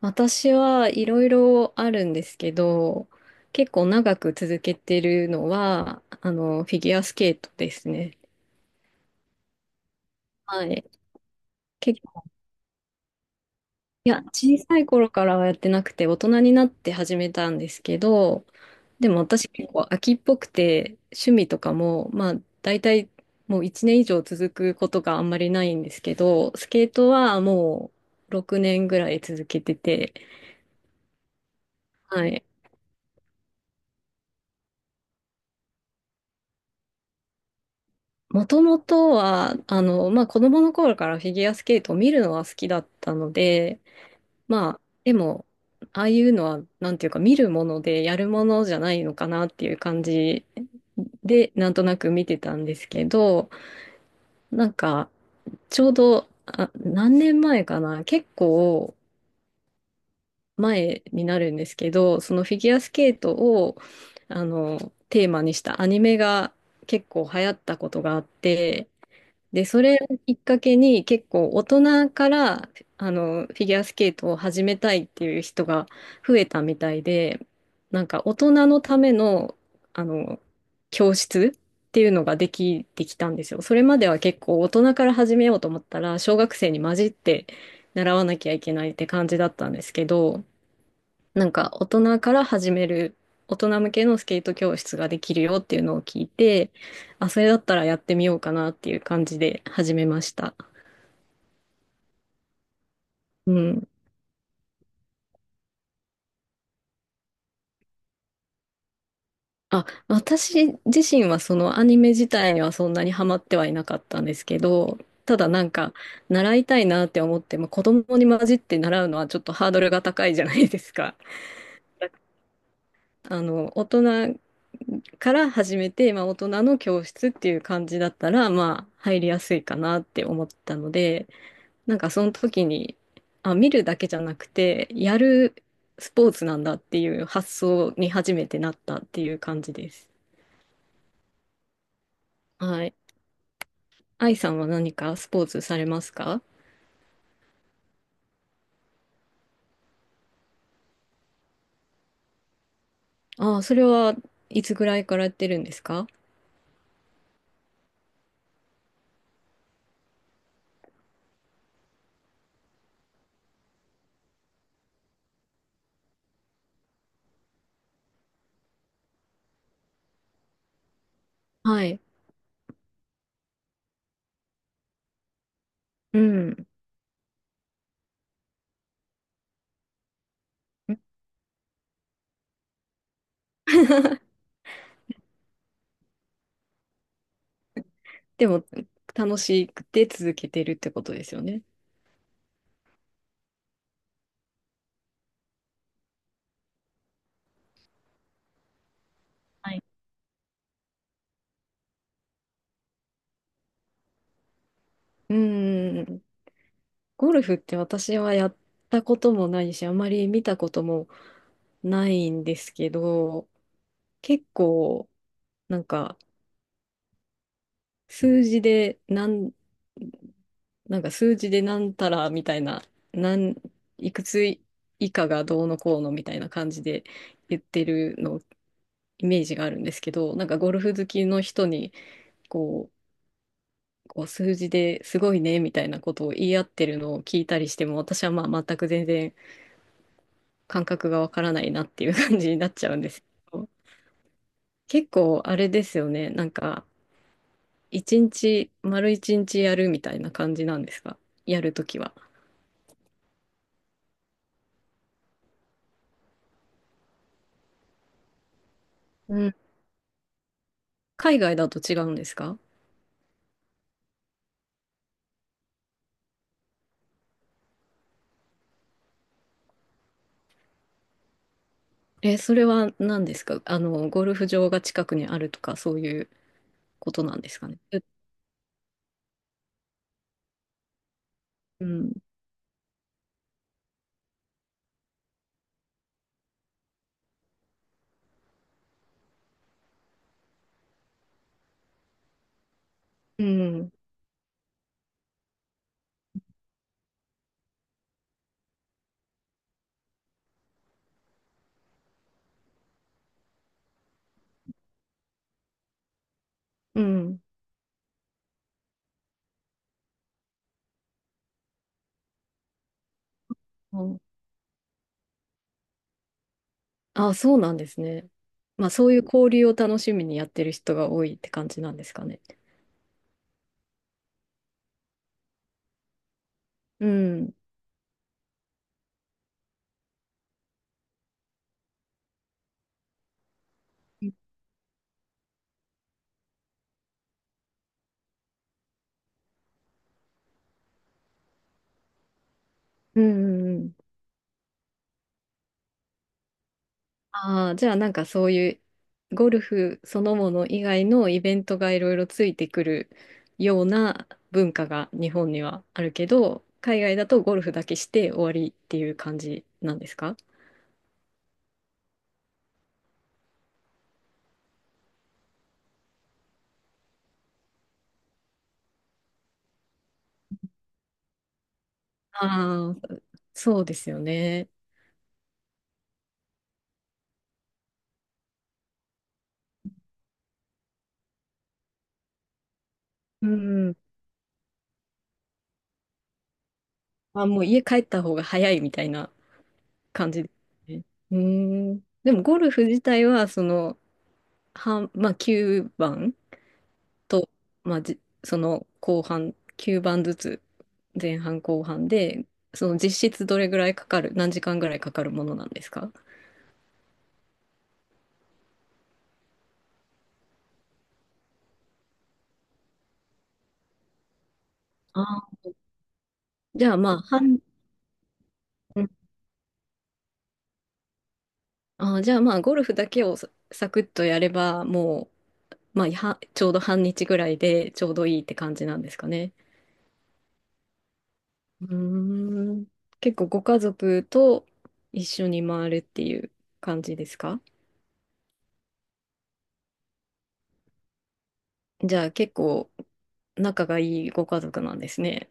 私はいろいろあるんですけど、結構長く続けてるのは、フィギュアスケートですね。はい。結構、いや、小さい頃からはやってなくて、大人になって始めたんですけど、でも私結構飽きっぽくて、趣味とかも、大体もう1年以上続くことがあんまりないんですけど、スケートはもう6年ぐらい続けてて、はい。もともとは、子供の頃からフィギュアスケートを見るのは好きだったので、まあ、でも、ああいうのは、なんていうか、見るものでやるものじゃないのかなっていう感じで、なんとなく見てたんですけど、なんか、ちょうど、あ、何年前かな、結構前になるんですけど、そのフィギュアスケートを、あの、テーマにしたアニメが結構流行ったことがあって、で、それをきっかけに結構大人からフィギュアスケートを始めたいっていう人が増えたみたいで、なんか大人のための、あの教室っていうのができてきたんですよ。それまでは結構大人から始めようと思ったら小学生に混じって習わなきゃいけないって感じだったんですけど、なんか大人から始める、大人向けのスケート教室ができるよっていうのを聞いて、あ、それだったらやってみようかなっていう感じで始めました。うん。あ、私自身はそのアニメ自体にはそんなにハマってはいなかったんですけど、ただなんか習いたいなって思っても子供に混じって習うのはちょっとハードルが高いじゃないですか。大人から始めて、大人の教室っていう感じだったら、入りやすいかなって思ったので、なんかその時に、あ、見るだけじゃなくて、やるスポーツなんだっていう発想に初めてなったっていう感じです。はい。愛さんは何かスポーツされますか？ああ、それはいつぐらいからやってるんですか？はい。うん。でも、楽しくて続けてるってことですよね。はい。うん。ゴルフって私はやったこともないし、あまり見たこともないんですけど、結構、なんか、数字で、なん、なんか数字でなんたらみたいな、なん、いくつ以下がどうのこうのみたいな感じで言ってるのをイメージがあるんですけど、なんかゴルフ好きの人にこう、こう数字ですごいねみたいなことを言い合ってるのを聞いたりしても、私は全く全然感覚がわからないなっていう感じになっちゃうんですけど、結構あれですよね、なんか、丸一日やるみたいな感じなんですか、やるときは。うん。海外だと違うんですか？え、それは何ですか？ゴルフ場が近くにあるとか、そういうことなんですかね。ううん。うん。うん。うん。あ、そうなんですね。そういう交流を楽しみにやってる人が多いって感じなんですかね。うん。うんうんうん。ああ、じゃあなんかそういうゴルフそのもの以外のイベントがいろいろついてくるような文化が日本にはあるけど、海外だとゴルフだけして終わりっていう感じなんですか？ああー、そうですよね。うん。あ、もう家帰った方が早いみたいな感じですね。うーん。でもゴルフ自体は、その、半、まあ9番と、まあじ、その後半、9番ずつ、前半後半で、その実質どれぐらいかかる、何時間ぐらいかかるものなんですか？あじゃあまあ、半、うん。あ、じゃあ、まあ、ゴルフだけをササクッとやれば、もう、ちょうど半日ぐらいでちょうどいいって感じなんですかね。うーん。結構ご家族と一緒に回るっていう感じですか？じゃあ結構仲がいいご家族なんですね。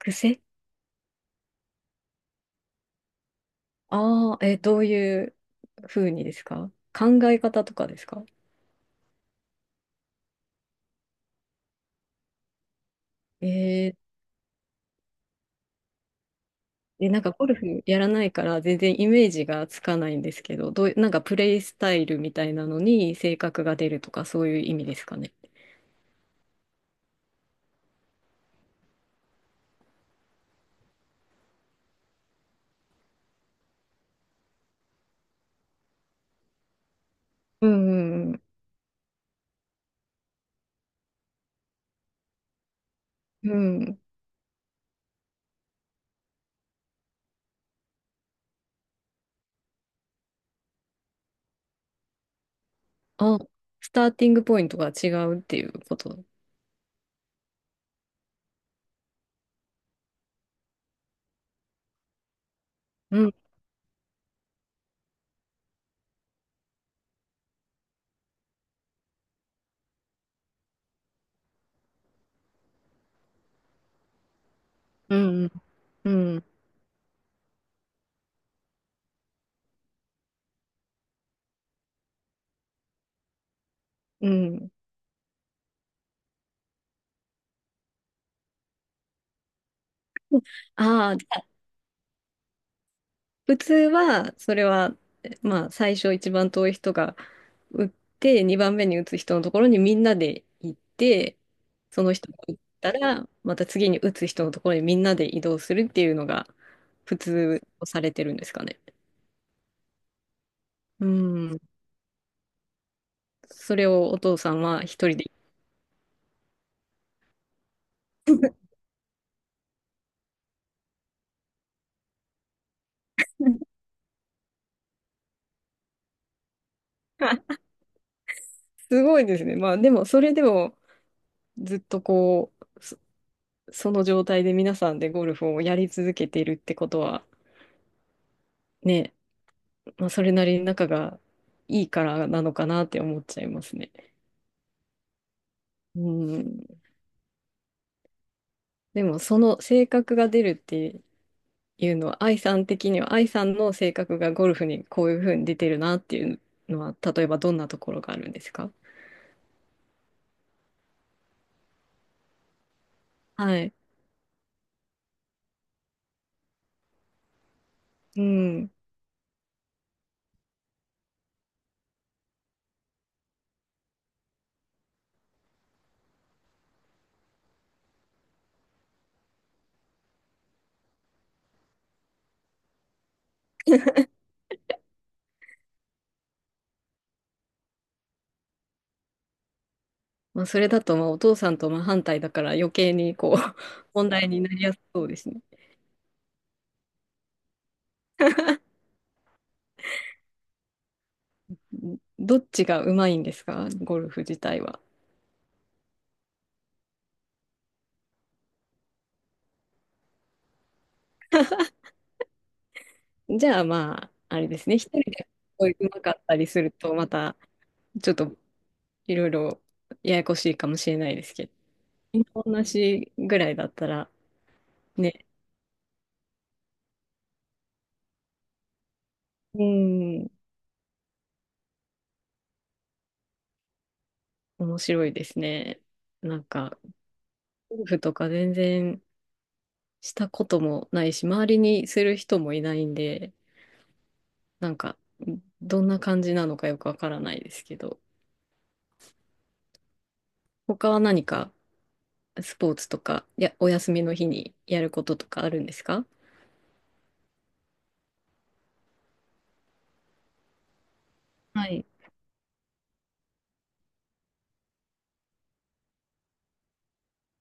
癖。ああー、え、どういう風にですか？考え方とかですか？えー、え、なんかゴルフやらないから全然イメージがつかないんですけど、どうい、なんかプレイスタイルみたいなのに性格が出るとかそういう意味ですかね。うんうんうん。うん。あ、スターティングポイントが違うっていうこと。うんうん、うん、うん。ああ、じゃあ普通は、それは、最初一番遠い人が打って、2番目に打つ人のところにみんなで行って、その人が打ったら、また次に打つ人のところにみんなで移動するっていうのが、普通とされてるんですかね。うん。それをお父さんは一人で。すごいですね。でも、それでも、ずっとこう、その状態で皆さんでゴルフをやり続けているってことは、ね、それなりに仲がいいからなのかなって思っちゃいますね。うん。でも、その性格が出るっていうのは、愛さん的には、愛さんの性格がゴルフにこういうふうに出てるなっていうのは、例えばどんなところがあるんですか？はい。うん。それだと、まあ、お父さんと真反対だから余計にこう 問題になりやすそうですね。うん。どっちがうまいんですか、ゴルフ自体は。じゃあ、まあ、あれですね。一人ですごい上手かったりすると、また、ちょっといろいろややこしいかもしれないですけど、今同じぐらいだったらね、うん、面白いですね。なんか、ゴルフとか全然したこともないし、周りにする人もいないんで、なんか、どんな感じなのかよくわからないですけど、他は何かスポーツとか、お休みの日にやることとかあるんですか？はい。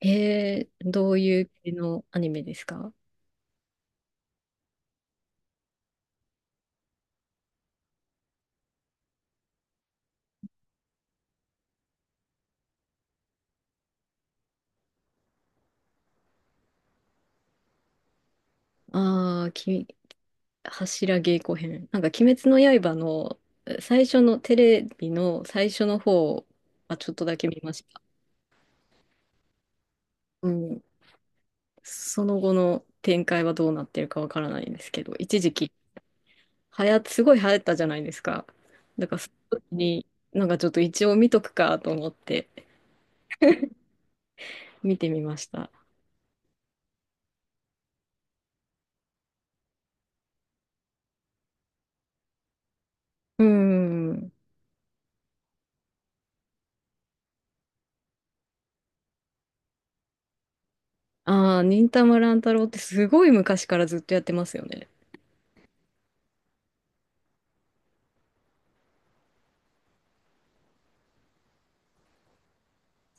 どういう系のアニメですか？ああー、柱稽古編。なんか、鬼滅の刃の最初のテレビの最初の方はちょっとだけ見ました。うん。その後の展開はどうなってるかわからないんですけど、一時期、すごい流行ったじゃないですか。だから、その時に、なんかちょっと一応見とくかと思って見てみました。うん。ああ、忍たま乱太郎ってすごい昔からずっとやってますよね。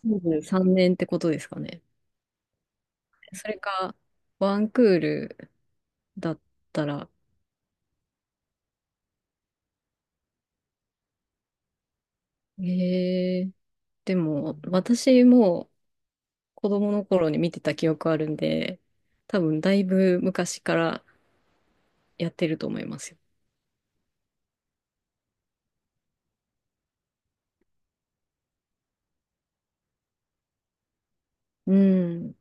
23年ってことですかね。それか、ワンクールだったら。ええ、でも、私も子供の頃に見てた記憶あるんで、多分だいぶ昔からやってると思いますよ。うん。